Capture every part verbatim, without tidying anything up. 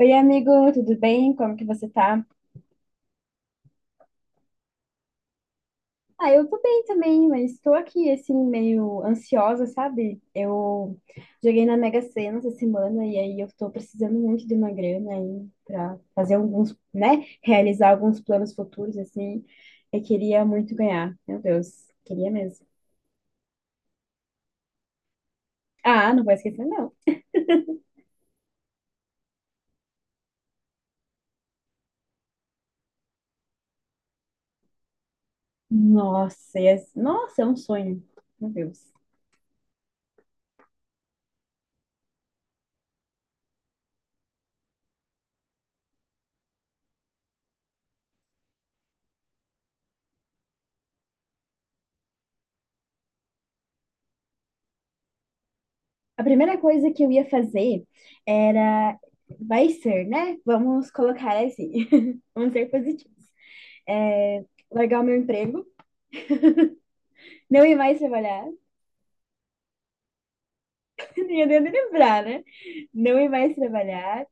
Oi, amigo, tudo bem? Como que você tá? Ah, eu tô bem também, mas estou aqui, assim, meio ansiosa, sabe? Eu joguei na Mega Sena essa semana e aí eu tô precisando muito de uma grana aí pra fazer alguns, né? Realizar alguns planos futuros, assim. Eu queria muito ganhar, meu Deus, queria mesmo. Ah, não vou esquecer, não. Nossa, e é, nossa, é um sonho, meu Deus. A primeira coisa que eu ia fazer era. Vai ser, né? Vamos colocar assim. Vamos ser positivos. É, largar o meu emprego, não ir mais trabalhar. Nem eu devo lembrar, né? Não ir mais trabalhar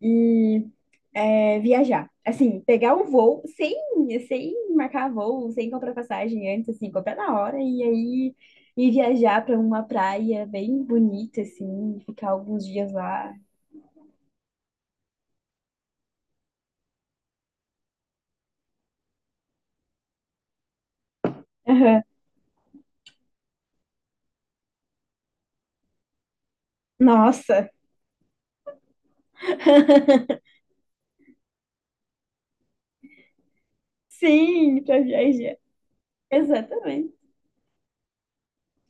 e é, viajar. Assim, pegar um voo sem, sem marcar voo, sem comprar passagem antes, assim, comprar na hora e aí ir viajar para uma praia bem bonita, assim, ficar alguns dias lá. Aham. Nossa! Sim, pra viajar. Exatamente.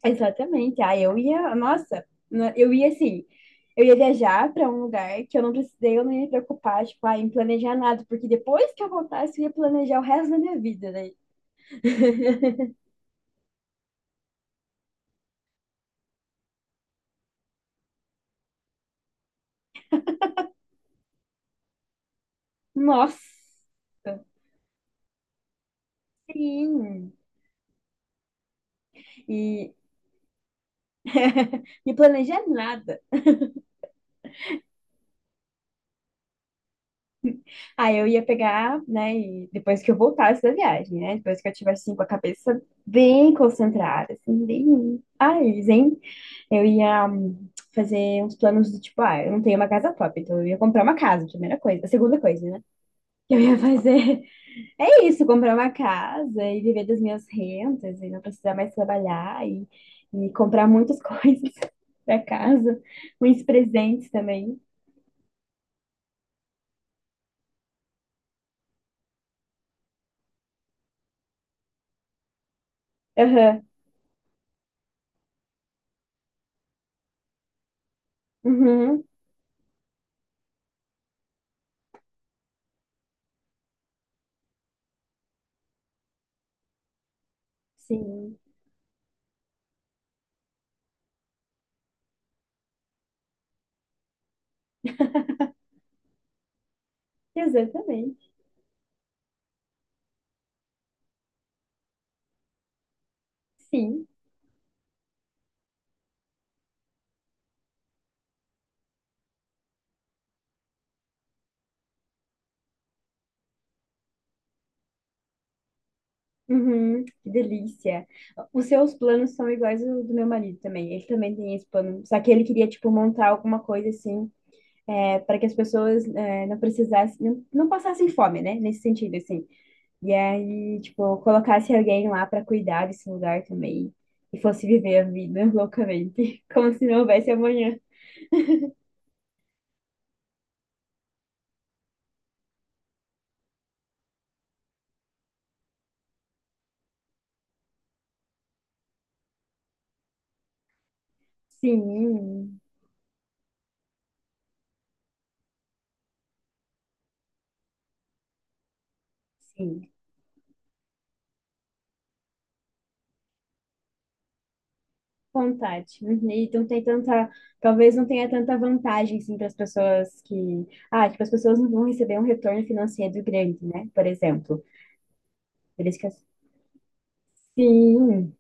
Exatamente. Ah, eu ia, nossa, na- eu ia assim, eu ia viajar para um lugar que eu não precisei, eu não ia me preocupar, tipo, ah, em planejar nada, porque depois que eu voltasse, eu ia planejar o resto da minha vida, né? Nossa, sim. E me planejar nada. Aí eu ia pegar, né, e depois que eu voltasse da viagem, né? Depois que eu tivesse assim, com a cabeça bem concentrada, assim, bem, ai, zen. Eu ia hum, fazer uns planos do tipo, ah, eu não tenho uma casa própria, então eu ia comprar uma casa, primeira coisa. A segunda coisa, né? Que eu ia fazer é isso, comprar uma casa e viver das minhas rentas e não precisar mais trabalhar e, e comprar muitas coisas pra casa, muitos presentes também. Aham. Uhum. Sim, exatamente. Sim. Uhum, que delícia. Os seus planos são iguais ao do meu marido também. Ele também tem esse plano. Só que ele queria, tipo, montar alguma coisa assim, é, para que as pessoas é, não precisassem, não, não passassem fome, né? Nesse sentido, assim. E aí, tipo, colocasse alguém lá para cuidar desse lugar também. E fosse viver a vida loucamente, como se não houvesse amanhã. Sim, sim. Vontade. Uhum. E não tem tanta, talvez não tenha tanta vantagem assim para as pessoas que, ah, tipo, as pessoas não vão receber um retorno financeiro grande, né? Por exemplo, eles que sim,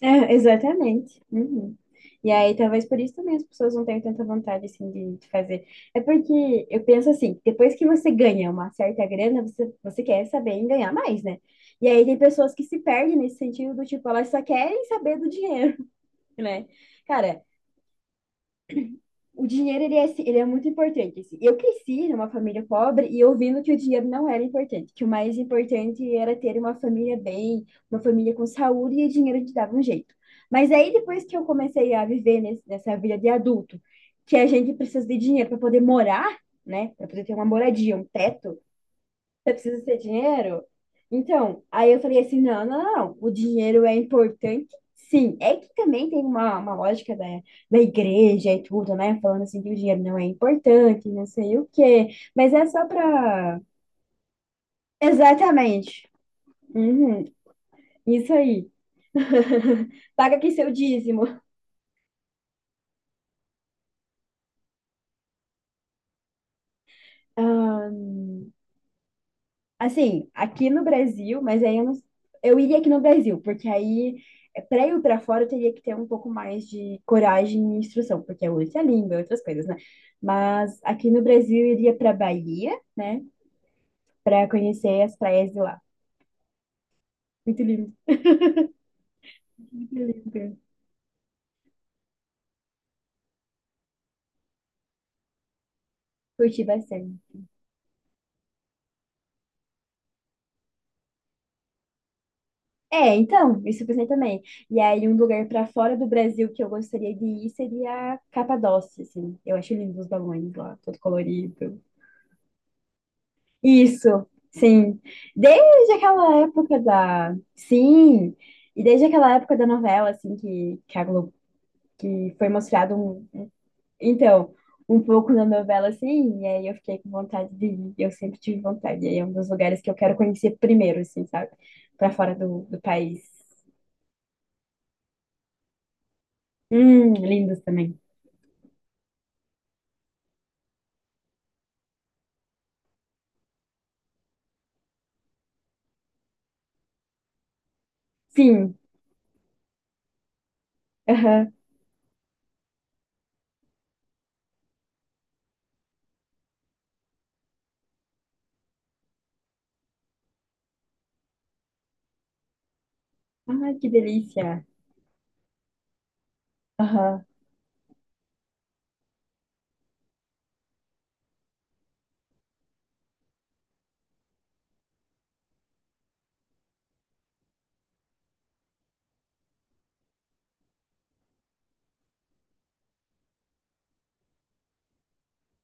é, exatamente. Uhum. E aí, talvez por isso também as pessoas não tenham tanta vontade assim de, de fazer. É porque eu penso assim, depois que você ganha uma certa grana, você, você quer saber em ganhar mais, né? E aí tem pessoas que se perdem nesse sentido do tipo, elas só querem saber do dinheiro, né? Cara, o dinheiro, ele é, assim, ele é muito importante, assim. Eu cresci numa família pobre e ouvindo que o dinheiro não era importante, que o mais importante era ter uma família bem, uma família com saúde e o dinheiro te dava um jeito. Mas aí, depois que eu comecei a viver nesse- nessa vida de adulto, que a gente precisa de dinheiro para poder morar, né, para poder ter uma moradia, um teto, você precisa ter dinheiro? Então, aí eu falei assim, não, não, não, não. O dinheiro é importante, sim. É que também tem uma, uma lógica da, da igreja e tudo, né? Falando assim que o dinheiro não é importante, não sei o quê. Mas é só pra... Exatamente. Uhum, isso aí. Paga aqui seu dízimo. Ah, assim, aqui no Brasil, mas aí eu não, eu iria aqui no Brasil, porque aí é, pra ir pra fora eu teria que ter um pouco mais de coragem e instrução, porque é outra língua, é outras coisas, né? Mas aqui no Brasil eu iria pra Bahia, né? Pra conhecer as praias de lá. Muito lindo, muito lindo. Curti bastante. É, então, isso eu pensei também. E aí, um lugar pra fora do Brasil que eu gostaria de ir seria a Capadócia, assim. Eu acho lindo os balões lá, todo colorido. Isso, sim. Desde aquela época da. Sim, e desde aquela época da novela, assim, que, que a Globo. Que foi mostrado um. Então, um pouco da novela, assim, e aí eu fiquei com vontade de ir. Eu sempre tive vontade. E aí é um dos lugares que eu quero conhecer primeiro, assim, sabe? Pra fora do, do país. Hum, lindos também. Sim, aham. Ai, que delícia. Aham.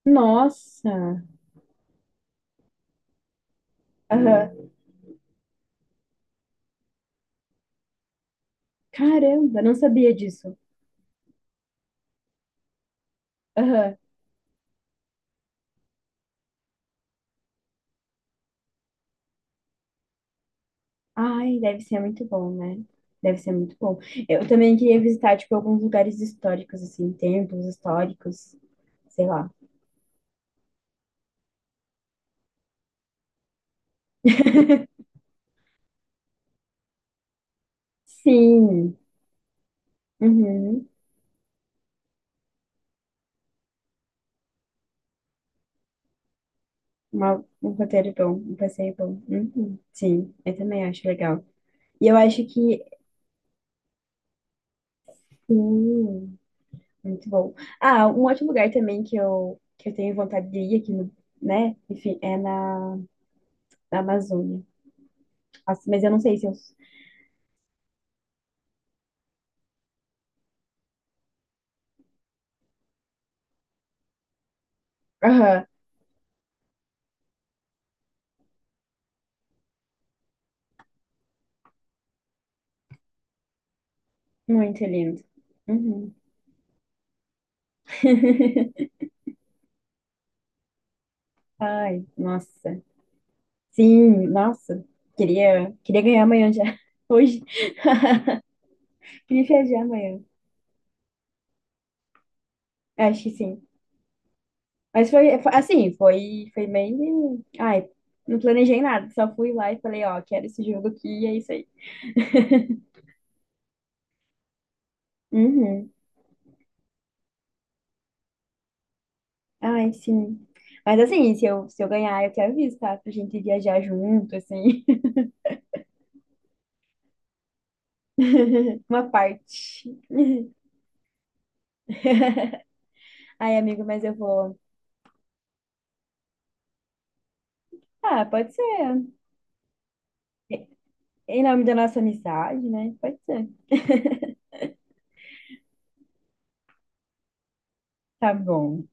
Nossa, aham. Caramba, não sabia disso. Aham. Ai, deve ser muito bom, né? Deve ser muito bom. Eu também queria visitar, tipo, alguns lugares históricos, assim, templos históricos, sei lá. Sim. Uhum. Uma- um roteiro bom, um passeio bom. Uhum. Sim, eu também acho legal. E eu acho que, sim, muito bom. Ah, um outro lugar também que eu, que eu tenho vontade de ir aqui, no, né? Enfim, é na, na Amazônia. Nossa, mas eu não sei se eu... Aham, muito lindo. Uhum. Ai, nossa. Sim, nossa. Queria, queria ganhar amanhã já. Hoje. Queria viajar amanhã. Acho que sim. Mas foi, foi- assim, foi, foi meio. Ai, não planejei nada. Só fui lá e falei, ó, quero esse jogo aqui e é isso aí. Uhum. Ai, sim. Mas assim, se eu, se eu ganhar, eu te aviso, tá? Pra gente viajar junto, assim. Uma parte. Ai, amigo, mas eu vou. Ah, pode ser. Em nome da nossa amizade, né? Pode ser. Tá bom.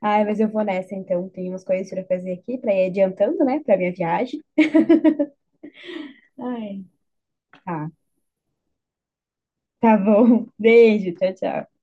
Ai, mas eu vou nessa então. Tem umas coisas pra fazer aqui, pra ir adiantando, né, pra minha viagem. Ai. Tá, tá bom. Beijo, tchau, tchau.